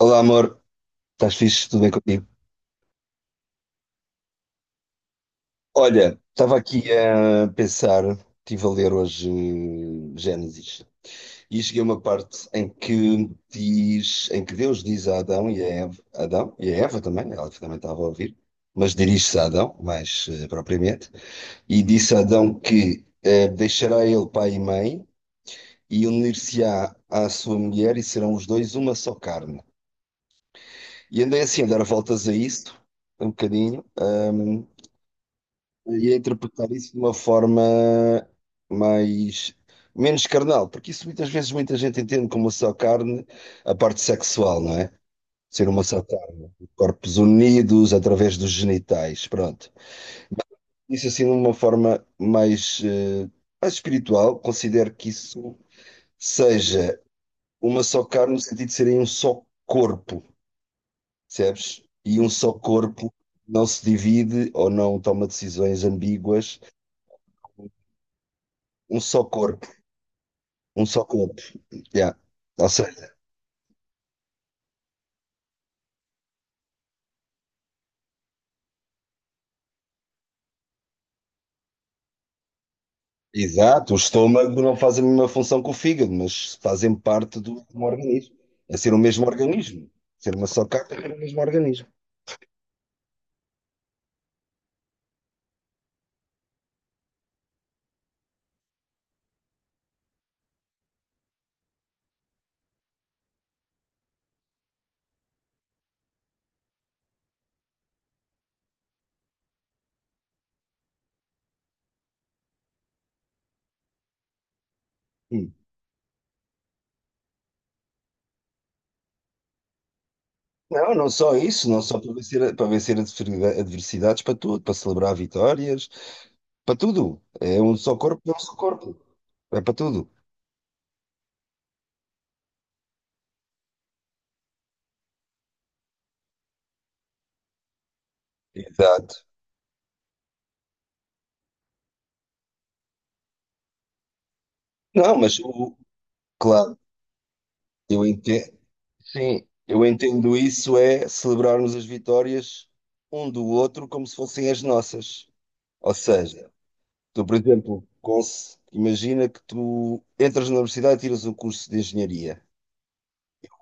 Olá, amor. Estás fixe? Tudo bem contigo? Olha, estava aqui a pensar, estive a ler hoje Gênesis e cheguei a uma parte em que diz, em que Deus diz a Adão e a Eva, Adão e a Eva também, ela também estava a ouvir, mas dirige-se a Adão, mais propriamente, e disse a Adão que deixará ele pai e mãe e unir-se-á à sua mulher e serão os dois uma só carne. E andei assim a dar voltas a isso, um bocadinho. Ia interpretar isso de uma forma mais menos carnal, porque isso muitas vezes muita gente entende como só carne a parte sexual, não é? Ser uma só carne, corpos unidos através dos genitais, pronto. Isso assim de uma forma mais, mais espiritual, considero que isso seja uma só carne no sentido de serem um só corpo, percebes? E um só corpo não se divide ou não toma decisões ambíguas, um só corpo, um só corpo. Yeah. Ou seja, exato, o estômago não faz a mesma função que o fígado, mas fazem parte do mesmo organismo. É ser o mesmo organismo. Ser uma só carta é um organismo. Hum. Não, não só isso, não só para vencer, para vencer adversidades, para tudo, para celebrar vitórias, para tudo. É um só corpo, é um só corpo. É para tudo. Exato. Não, mas o, claro, eu entendo, sim, eu entendo isso é celebrarmos as vitórias um do outro como se fossem as nossas. Ou seja, tu, por exemplo, imagina que tu entras na universidade e tiras um curso de engenharia.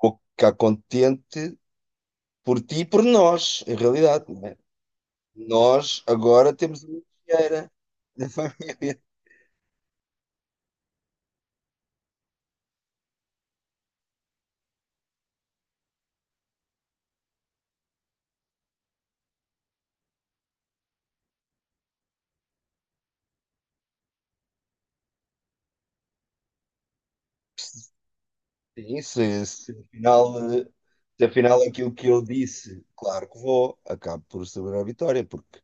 Vou ficar contente por ti e por nós, em realidade, não é? Nós agora temos uma engenheira. Sim, se afinal, se afinal aquilo que eu disse, claro que vou, acabo por celebrar a vitória, porque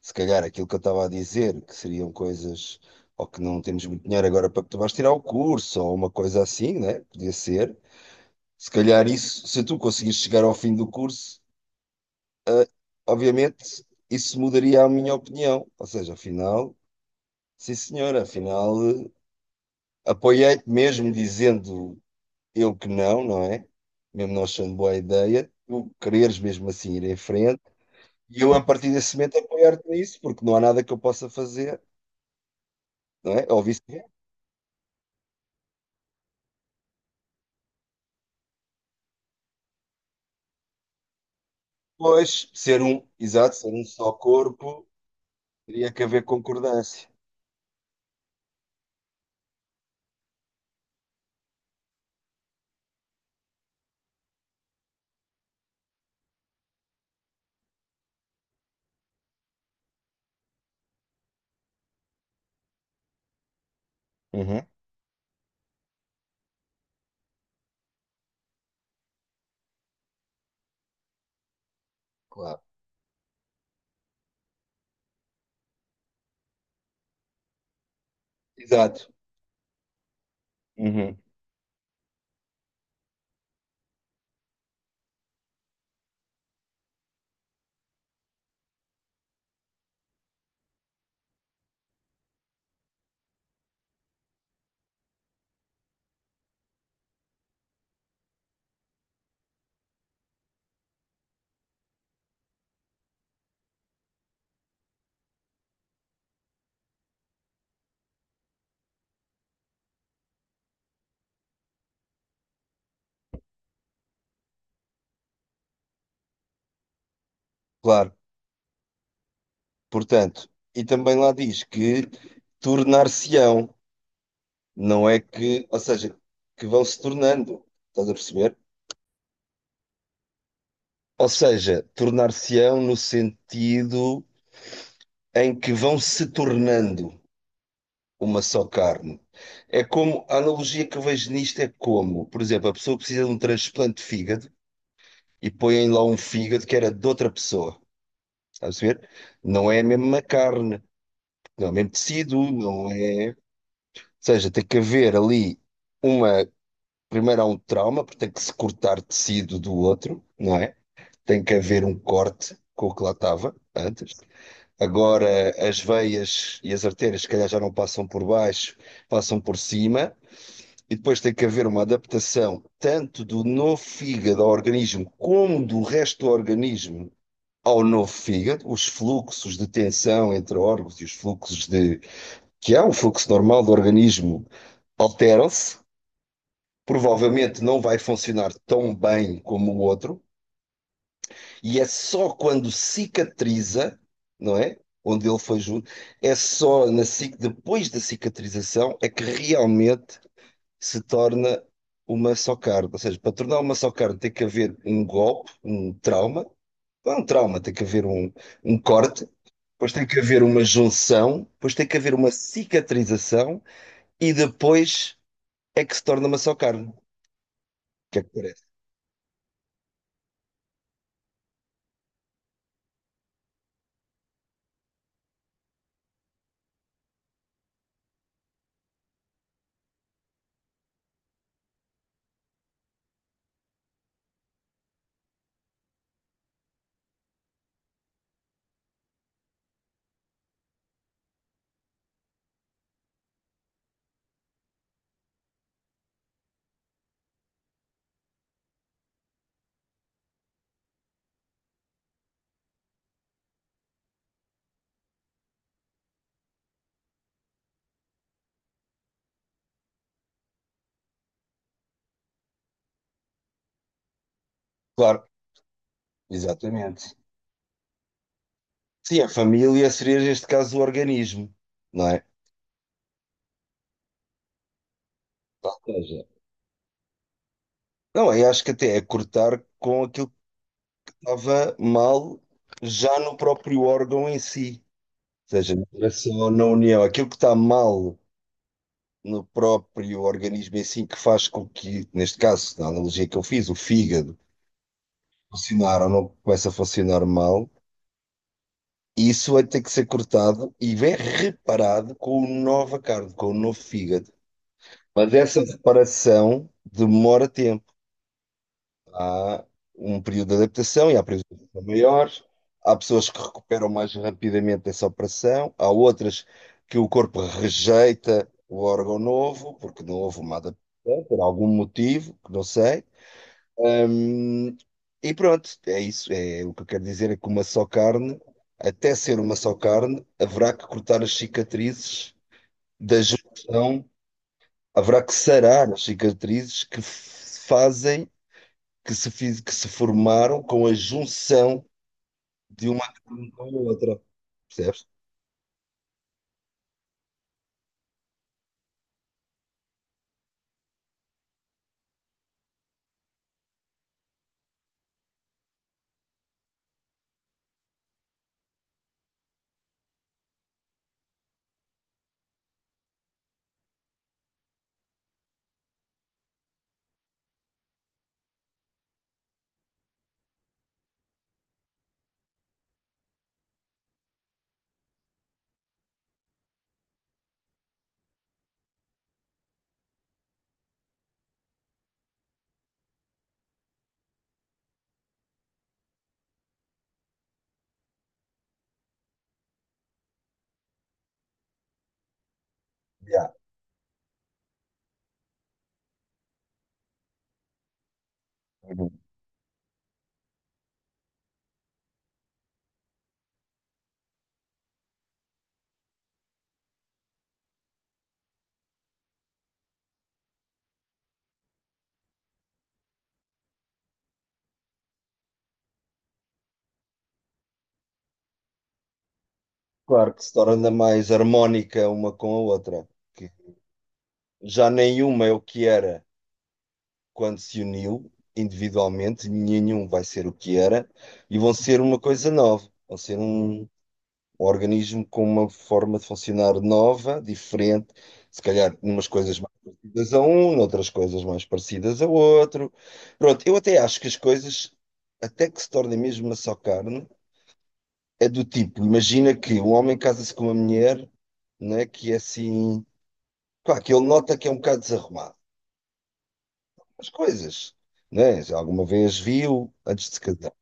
se calhar aquilo que eu estava a dizer, que seriam coisas, ou que não temos muito dinheiro agora para que tu vais tirar o curso, ou uma coisa assim, né? Podia ser. Se calhar isso, se tu conseguires chegar ao fim do curso, obviamente isso mudaria a minha opinião. Ou seja, afinal, sim senhora, afinal apoiei-te mesmo dizendo eu que não, não é? Mesmo não achando boa ideia, tu quereres mesmo assim ir em frente e eu a partir desse momento apoiar-te nisso, porque não há nada que eu possa fazer, não é? Ou vice-versa. Pois, ser um, exato, ser um só corpo, teria que haver concordância. Uhum. Claro. Exato. Uhum. Claro. Portanto, e também lá diz que tornar-se-ão, não é que, ou seja, que vão se tornando, estás a perceber? Ou seja, tornar-se-ão no sentido em que vão se tornando uma só carne. É como, a analogia que eu vejo nisto é como, por exemplo, a pessoa precisa de um transplante de fígado e põem lá um fígado que era de outra pessoa, estás a perceber? Não é a mesma carne, não é o mesmo tecido, não é. Ou seja, tem que haver ali uma primeiro há um trauma, porque tem que se cortar tecido do outro, não é? Tem que haver um corte com o que lá estava antes. Agora as veias e as artérias, se calhar, já não passam por baixo, passam por cima. E depois tem que haver uma adaptação tanto do novo fígado ao organismo como do resto do organismo ao novo fígado, os fluxos de tensão entre órgãos e os fluxos de que há um fluxo normal do organismo alteram-se provavelmente não vai funcionar tão bem como o outro, e é só quando cicatriza, não é? Onde ele foi junto, é só na, depois da cicatrização é que realmente se torna uma só carne. Ou seja, para tornar uma só carne tem que haver um golpe, um trauma, não é um trauma, tem que haver um, um corte. Depois tem que haver uma junção, depois tem que haver uma cicatrização e depois é que se torna uma só carne. O que é que parece? Claro, exatamente. Sim, a família seria, neste caso, o organismo, não é? Ou seja, não, eu acho que até é cortar com aquilo que estava mal já no próprio órgão em si. Ou seja, não é só na união. Aquilo que está mal no próprio organismo em si, que faz com que, neste caso, na analogia que eu fiz, o fígado funcionar ou não começa a funcionar mal, isso vai ter que ser cortado e vem reparado com o nova carne, com o novo fígado. Mas essa reparação demora tempo. Há um período de adaptação e há períodos de adaptação maiores. Há pessoas que recuperam mais rapidamente essa operação, há outras que o corpo rejeita o órgão novo, porque não houve uma adaptação, por algum motivo, que não sei. Hum, e pronto, é isso. É, o que eu quero dizer é que uma só carne, até ser uma só carne, haverá que cortar as cicatrizes da junção, haverá que sarar as cicatrizes que fazem que se, que se formaram com a junção de uma carne com a outra, percebes? Yeah. Uhum. Claro que se torna mais harmónica uma com a outra, que já nenhuma é o que era quando se uniu individualmente, nenhum vai ser o que era, e vão ser uma coisa nova, vão ser um organismo com uma forma de funcionar nova, diferente, se calhar numas coisas mais parecidas a um, noutras coisas mais parecidas a outro. Pronto, eu até acho que as coisas, até que se tornem mesmo uma só carne, é do tipo, imagina que um homem casa-se com uma mulher, né, que é assim, claro, que ele nota que é um bocado desarrumado, as coisas, né, já alguma vez viu antes de se casar.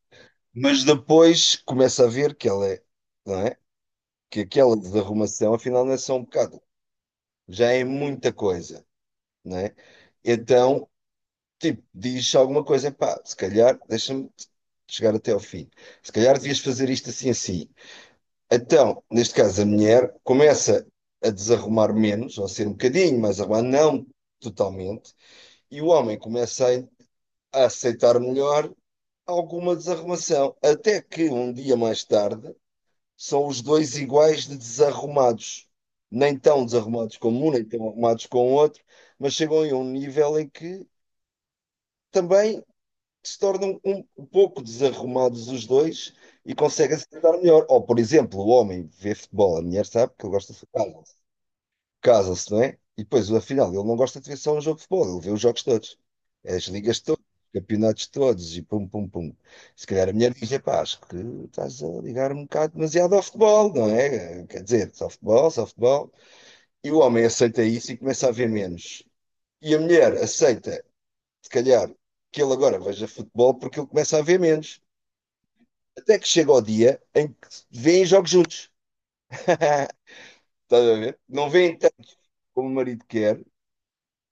Mas depois começa a ver que ela é, não é? Que aquela desarrumação afinal não é só um bocado. Já é muita coisa, né? Então, tipo, diz alguma coisa, pá, se calhar, deixa-me chegar até ao fim. Se calhar devias fazer isto assim, assim. Então, neste caso, a mulher começa a desarrumar menos, ou a ser um bocadinho mais arrumada, não totalmente, e o homem começa a aceitar melhor alguma desarrumação. Até que um dia mais tarde, são os dois iguais de desarrumados. Nem tão desarrumados como um, nem tão arrumados como o outro, mas chegam a um nível em que também se tornam um pouco desarrumados os dois e conseguem se dar melhor. Ou, por exemplo, o homem vê futebol, a mulher sabe que ele gosta de futebol casa-se, não é? E depois, afinal, ele não gosta de ver só um jogo de futebol, ele vê os jogos todos, é as ligas todas, os campeonatos todos e pum, pum, pum. Se calhar a mulher diz: pá, acho que estás a ligar um bocado demasiado ao futebol, não é? Quer dizer, só futebol, só futebol. E o homem aceita isso e começa a ver menos. E a mulher aceita, se calhar, que ele agora veja futebol porque ele começa a ver menos. Até que chega o dia em que vêem jogos juntos. Estás a ver? Não vêem tanto como o marido quer,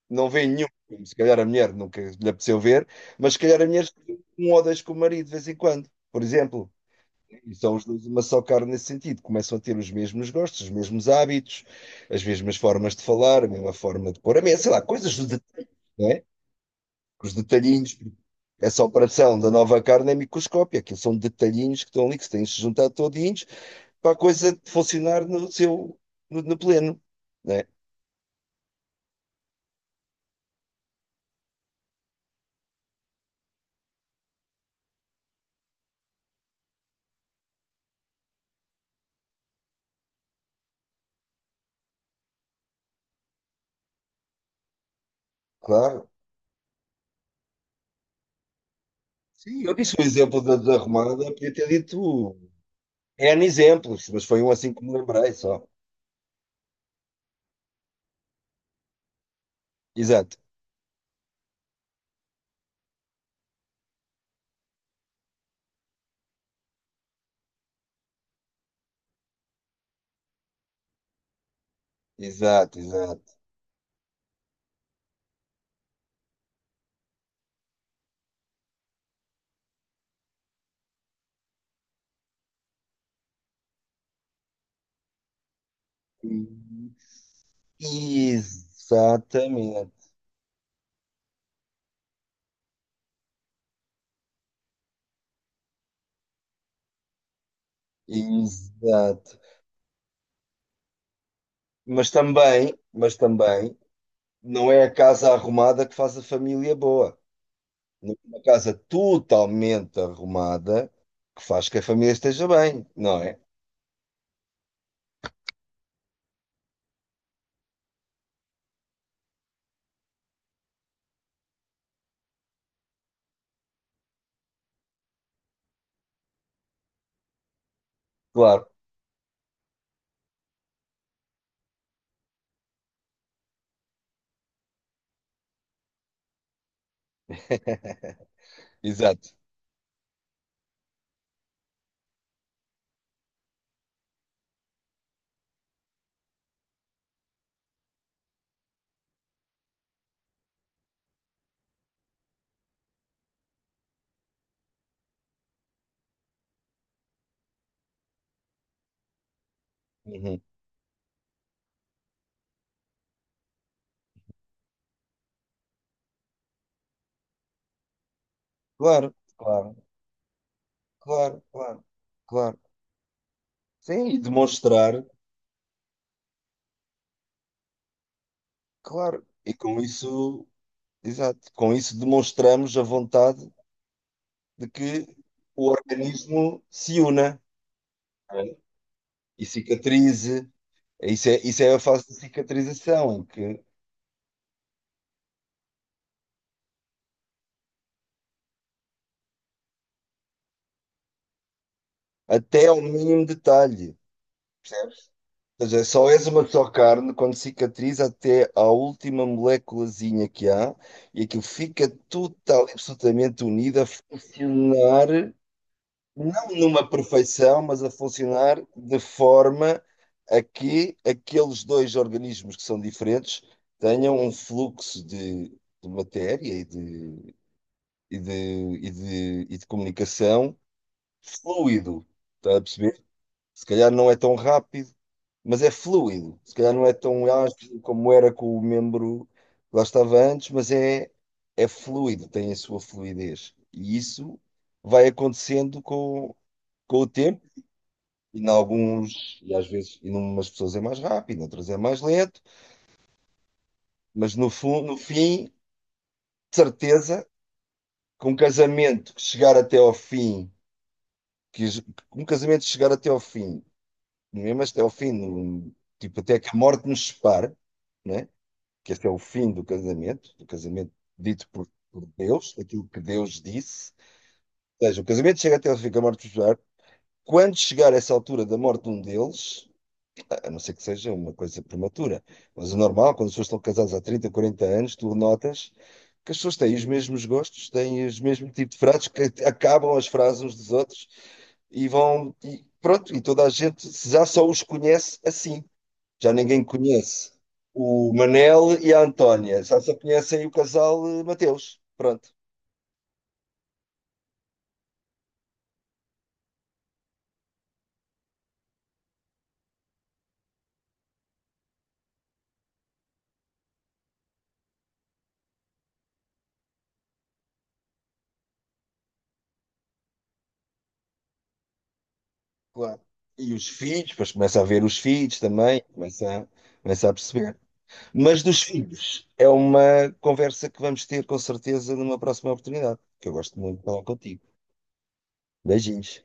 não vê nenhum filme. Se calhar a mulher nunca lhe apeteceu ver, mas se calhar a mulher vê um ou dois com o marido de vez em quando, por exemplo. E são os dois uma só carne nesse sentido. Começam a ter os mesmos gostos, os mesmos hábitos, as mesmas formas de falar, a mesma forma de pôr a mesa, sei lá, coisas dos detalhes não é? Os detalhinhos. Essa operação da nova carne é microscópia, aquilo são detalhinhos que estão ali, que se têm se juntado todinhos para a coisa funcionar no seu, no pleno, né. Claro. Sim, eu disse o exemplo da, da Romana, podia ter dito N exemplos, mas foi um assim que me lembrei só. Exato, exato, exato. Exatamente, exato. Mas também, não é a casa arrumada que faz a família boa. Não é uma casa totalmente arrumada que faz que a família esteja bem, não é? Claro, exato. Uhum. Claro, claro, claro, claro, claro. Sim, e demonstrar, claro. E com isso. Exato. Com isso demonstramos a vontade de que o organismo se una, né, e cicatrize. É, isso é, isso é a fase de cicatrização, em que até ao mínimo detalhe, percebes? Ou seja, só és uma só carne quando cicatriza até à última moléculazinha que há e aquilo fica total e absolutamente unido a funcionar não numa perfeição, mas a funcionar de forma a que aqueles dois organismos que são diferentes tenham um fluxo de matéria e de, e de comunicação fluido. Está a perceber? Se calhar não é tão rápido, mas é fluido. Se calhar não é tão ágil como era com o membro que lá estava antes, mas é, é fluido, tem a sua fluidez. E isso vai acontecendo com o tempo. E em alguns, e às vezes, em umas pessoas é mais rápido, em outras é mais lento, mas no, no fim, de certeza, que um casamento que chegar até ao fim, que um casamento chegar até ao fim, mesmo até ao fim, tipo até que a morte nos separe, né? Que esse é o fim do casamento dito por Deus, aquilo que Deus disse. Ou seja, o casamento chega até ao fim, que a morte nos separe. Quando chegar essa altura da morte de um deles, a não ser que seja uma coisa prematura. Mas o normal, quando as pessoas estão casadas há 30, 40 anos, tu notas que as pessoas têm os mesmos gostos, têm os mesmos tipos de frases, que acabam as frases uns dos outros e vão. E pronto, e toda a gente já só os conhece assim. Já ninguém conhece o Manel e a Antónia, já só conhecem o casal Mateus. Pronto, claro. E os filhos, depois começa a ver os filhos também, começa a, começa a perceber. Mas dos filhos, é uma conversa que vamos ter com certeza numa próxima oportunidade, que eu gosto muito de falar contigo. Beijinhos.